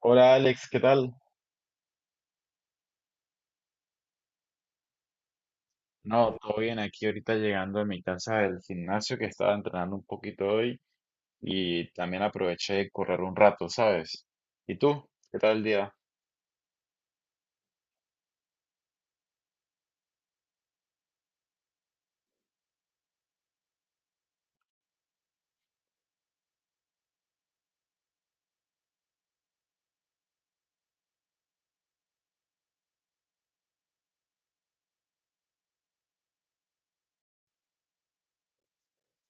Hola Alex, ¿qué tal? No, todo bien aquí ahorita llegando a mi casa del gimnasio que estaba entrenando un poquito hoy y también aproveché de correr un rato, ¿sabes? ¿Y tú? ¿Qué tal el día?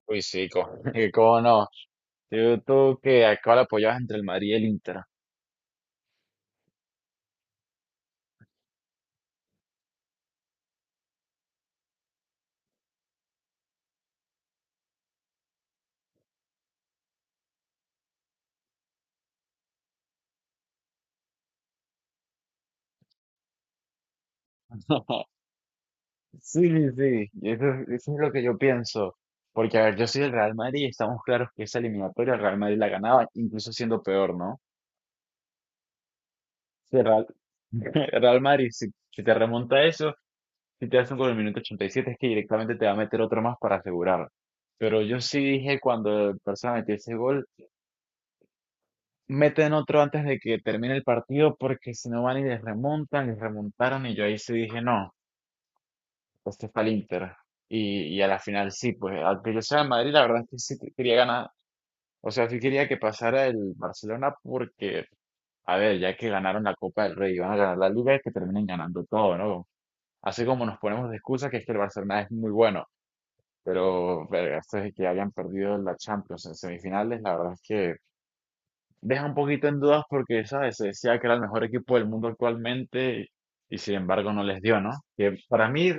Uy, sí, ¿cómo no? Tú que acá la apoyabas entre el Madrid y el Inter. Sí, sí, sí, y eso, eso es lo que yo pienso. Porque, a ver, yo soy del Real Madrid y estamos claros que esa eliminatoria el Real Madrid la ganaba, incluso siendo peor, ¿no? Si el Real, el Real Madrid, si te remonta eso, si te hacen con el minuto 87 es que directamente te va a meter otro más para asegurar. Pero yo sí dije cuando el Barça metió ese gol, meten otro antes de que termine el partido porque si no van y les remontan, les remontaron y yo ahí sí dije, no, este es para el Inter. Y a la final sí, pues aunque yo sea de Madrid, la verdad es que sí quería ganar, o sea, sí quería que pasara el Barcelona porque, a ver, ya que ganaron la Copa del Rey y van a ganar la Liga, es que terminen ganando todo, ¿no? Así como nos ponemos de excusa que es que el Barcelona es muy bueno. Pero, verga, esto de que hayan perdido la Champions en semifinales, la verdad es que deja un poquito en dudas porque, ¿sabes? Se decía que era el mejor equipo del mundo actualmente y, sin embargo, no les dio, ¿no? Que para mí,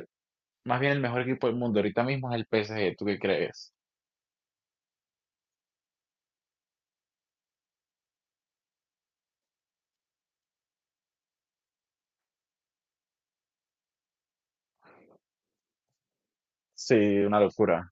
más bien el mejor equipo del mundo ahorita mismo es el PSG, ¿tú qué crees? Sí, una locura.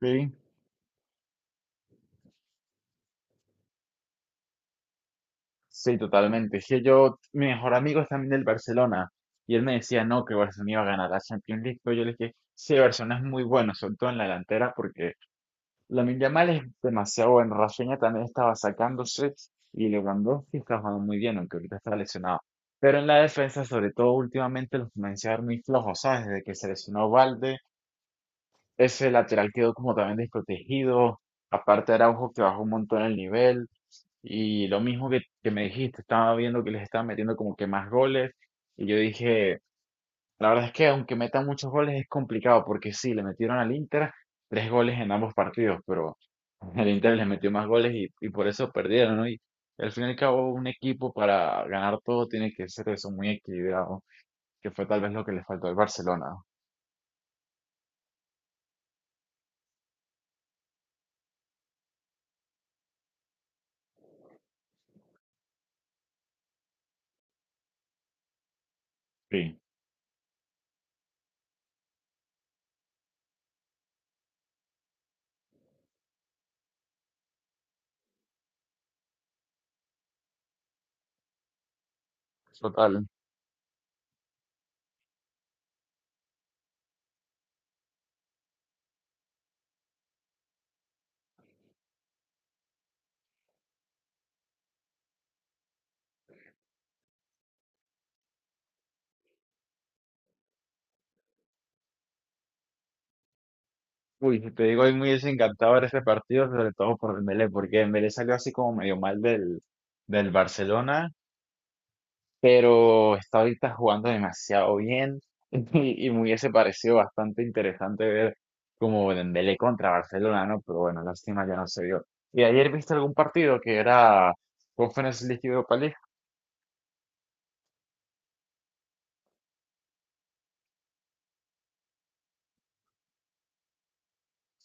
Sí. Sí, totalmente. Es que yo, mi mejor amigo es también del Barcelona y él me decía, no, que Barcelona iba a ganar la Champions League, pero yo le dije, sí, Barcelona es muy bueno, sobre todo en la delantera porque Lamine Yamal es demasiado buen. Rafinha también estaba sacándose y Lewandowski está jugando muy bien, aunque ahorita está lesionado. Pero en la defensa, sobre todo últimamente, los comencé a ver muy flojos, ¿sabes? Desde que se lesionó Valde, ese lateral quedó como también desprotegido. Aparte Araujo que bajó un montón el nivel. Y lo mismo que me dijiste, estaba viendo que les estaban metiendo como que más goles. Y yo dije, la verdad es que aunque metan muchos goles es complicado, porque sí, le metieron al Inter tres goles en ambos partidos, pero el Inter les metió más goles y por eso perdieron, ¿no? Y al fin y al cabo, un equipo para ganar todo tiene que ser eso, muy equilibrado, que fue tal vez lo que le faltó al Barcelona. Sí. Total. Uy, si te digo, hoy muy desencantado desencantador ese partido, sobre todo por Dembélé, porque Dembélé salió así como medio mal del Barcelona pero está ahorita jugando demasiado bien y me hubiese parecido bastante interesante ver como Dembélé contra Barcelona, ¿no? Pero bueno, lástima ya no se dio. ¿Y ayer viste algún partido que era Conference League y Europa League?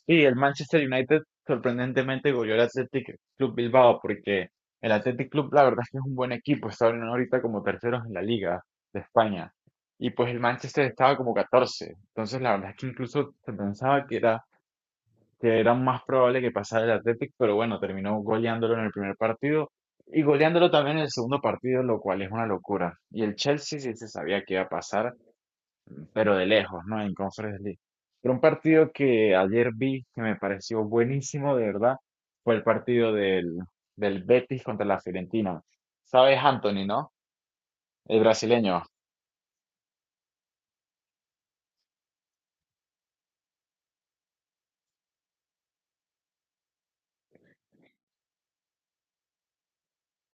Sí, el Manchester United sorprendentemente goleó al Athletic Club Bilbao porque el Athletic Club la verdad es que es un buen equipo, está ahorita como terceros en la liga de España. Y pues el Manchester estaba como catorce. Entonces la verdad es que incluso se pensaba que era más probable que pasara el Athletic, pero bueno, terminó goleándolo en el primer partido y goleándolo también en el segundo partido, lo cual es una locura. Y el Chelsea sí se sabía que iba a pasar, pero de lejos, ¿no? En Conference League. Pero un partido que ayer vi que me pareció buenísimo, de verdad, fue el partido del Betis contra la Fiorentina. ¿Sabes, Anthony, no? El brasileño.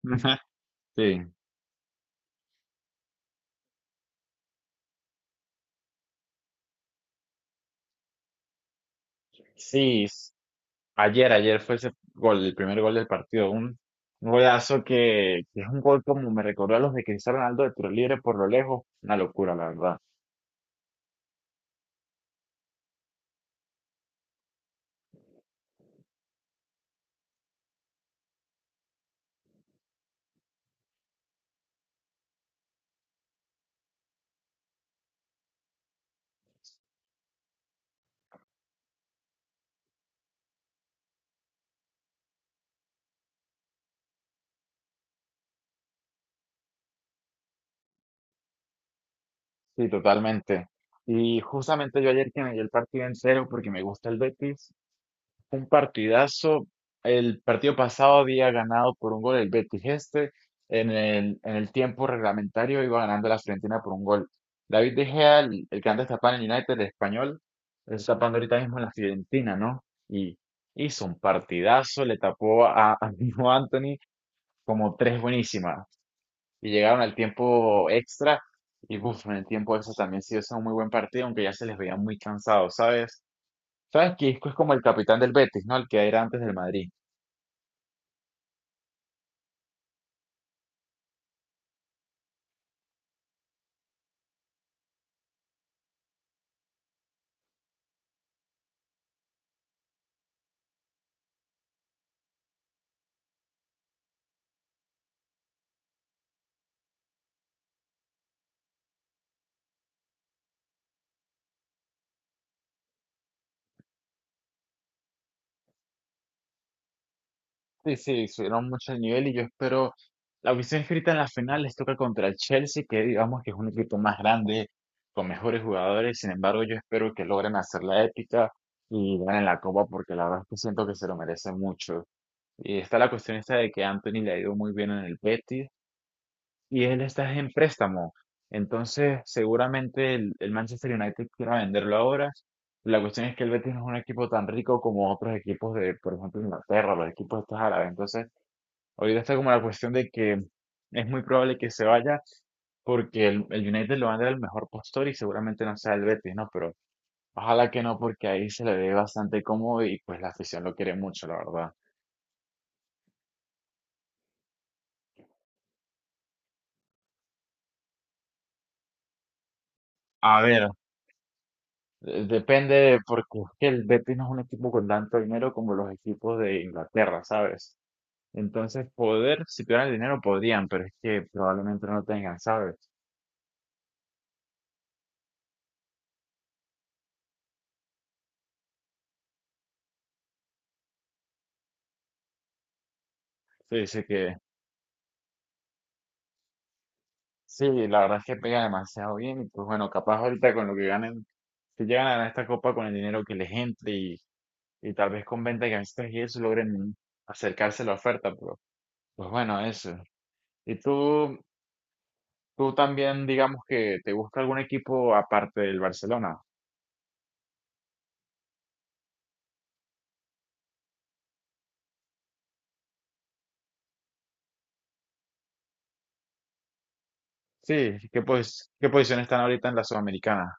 Sí. Sí, ayer fue ese gol, el primer gol del partido. Un golazo que es un gol como me recordó a los de Cristiano Ronaldo de tiro libre por lo lejos. Una locura, la verdad. Sí, totalmente. Y justamente yo ayer que me dio el partido en cero porque me gusta el Betis, un partidazo. El partido pasado había ganado por un gol el Betis este. En el tiempo reglamentario iba ganando la Fiorentina por un gol. David De Gea, el que antes tapaba en el United, el español, está tapando ahorita mismo en la Fiorentina, ¿no? Y hizo un partidazo, le tapó a, a mismo Anthony como tres buenísimas. Y llegaron al tiempo extra. Y uf, en el tiempo extra también sí hizo un muy buen partido, aunque ya se les veía muy cansados, ¿sabes? Sabes que Isco es como el capitán del Betis, ¿no? El que era antes del Madrid. Sí, sí, subieron mucho el nivel y yo espero. La audición escrita en la final les toca contra el Chelsea, que digamos que es un equipo más grande, con mejores jugadores. Sin embargo, yo espero que logren hacer la épica y ganen la copa, porque la verdad es que siento que se lo merecen mucho. Y está la cuestión esta de que Anthony le ha ido muy bien en el Betis y él está en préstamo. Entonces, seguramente el Manchester United quiera venderlo ahora. La cuestión es que el Betis no es un equipo tan rico como otros equipos de, por ejemplo, Inglaterra, los equipos estos árabes. Entonces, ahorita está como la cuestión de que es muy probable que se vaya porque el United lo va a dar el mejor postor y seguramente no sea el Betis, ¿no? Pero ojalá que no, porque ahí se le ve bastante cómodo y pues la afición lo quiere mucho, la verdad. A ver, depende, porque es que el Betis no es un equipo con tanto dinero como los equipos de Inglaterra, ¿sabes? Entonces, poder, si tuvieran el dinero, podrían, pero es que probablemente no tengan, ¿sabes? Se dice que sí, la verdad es que pega demasiado bien, y pues bueno, capaz ahorita con lo que ganen, si llegan a ganar esta copa con el dinero que les entre y tal vez con venta de camisetas y eso logren acercarse a la oferta, pero pues bueno, eso. ¿Y tú también, digamos que te gusta algún equipo aparte del Barcelona? Sí, ¿qué, pues, qué posición están ahorita en la Sudamericana?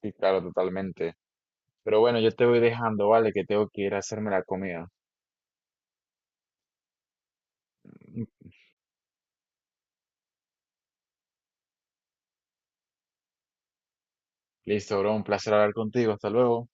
Sí, claro, totalmente. Pero bueno, yo te voy dejando, vale, que tengo que ir a hacerme la comida. Listo, bro, un placer hablar contigo. Hasta luego.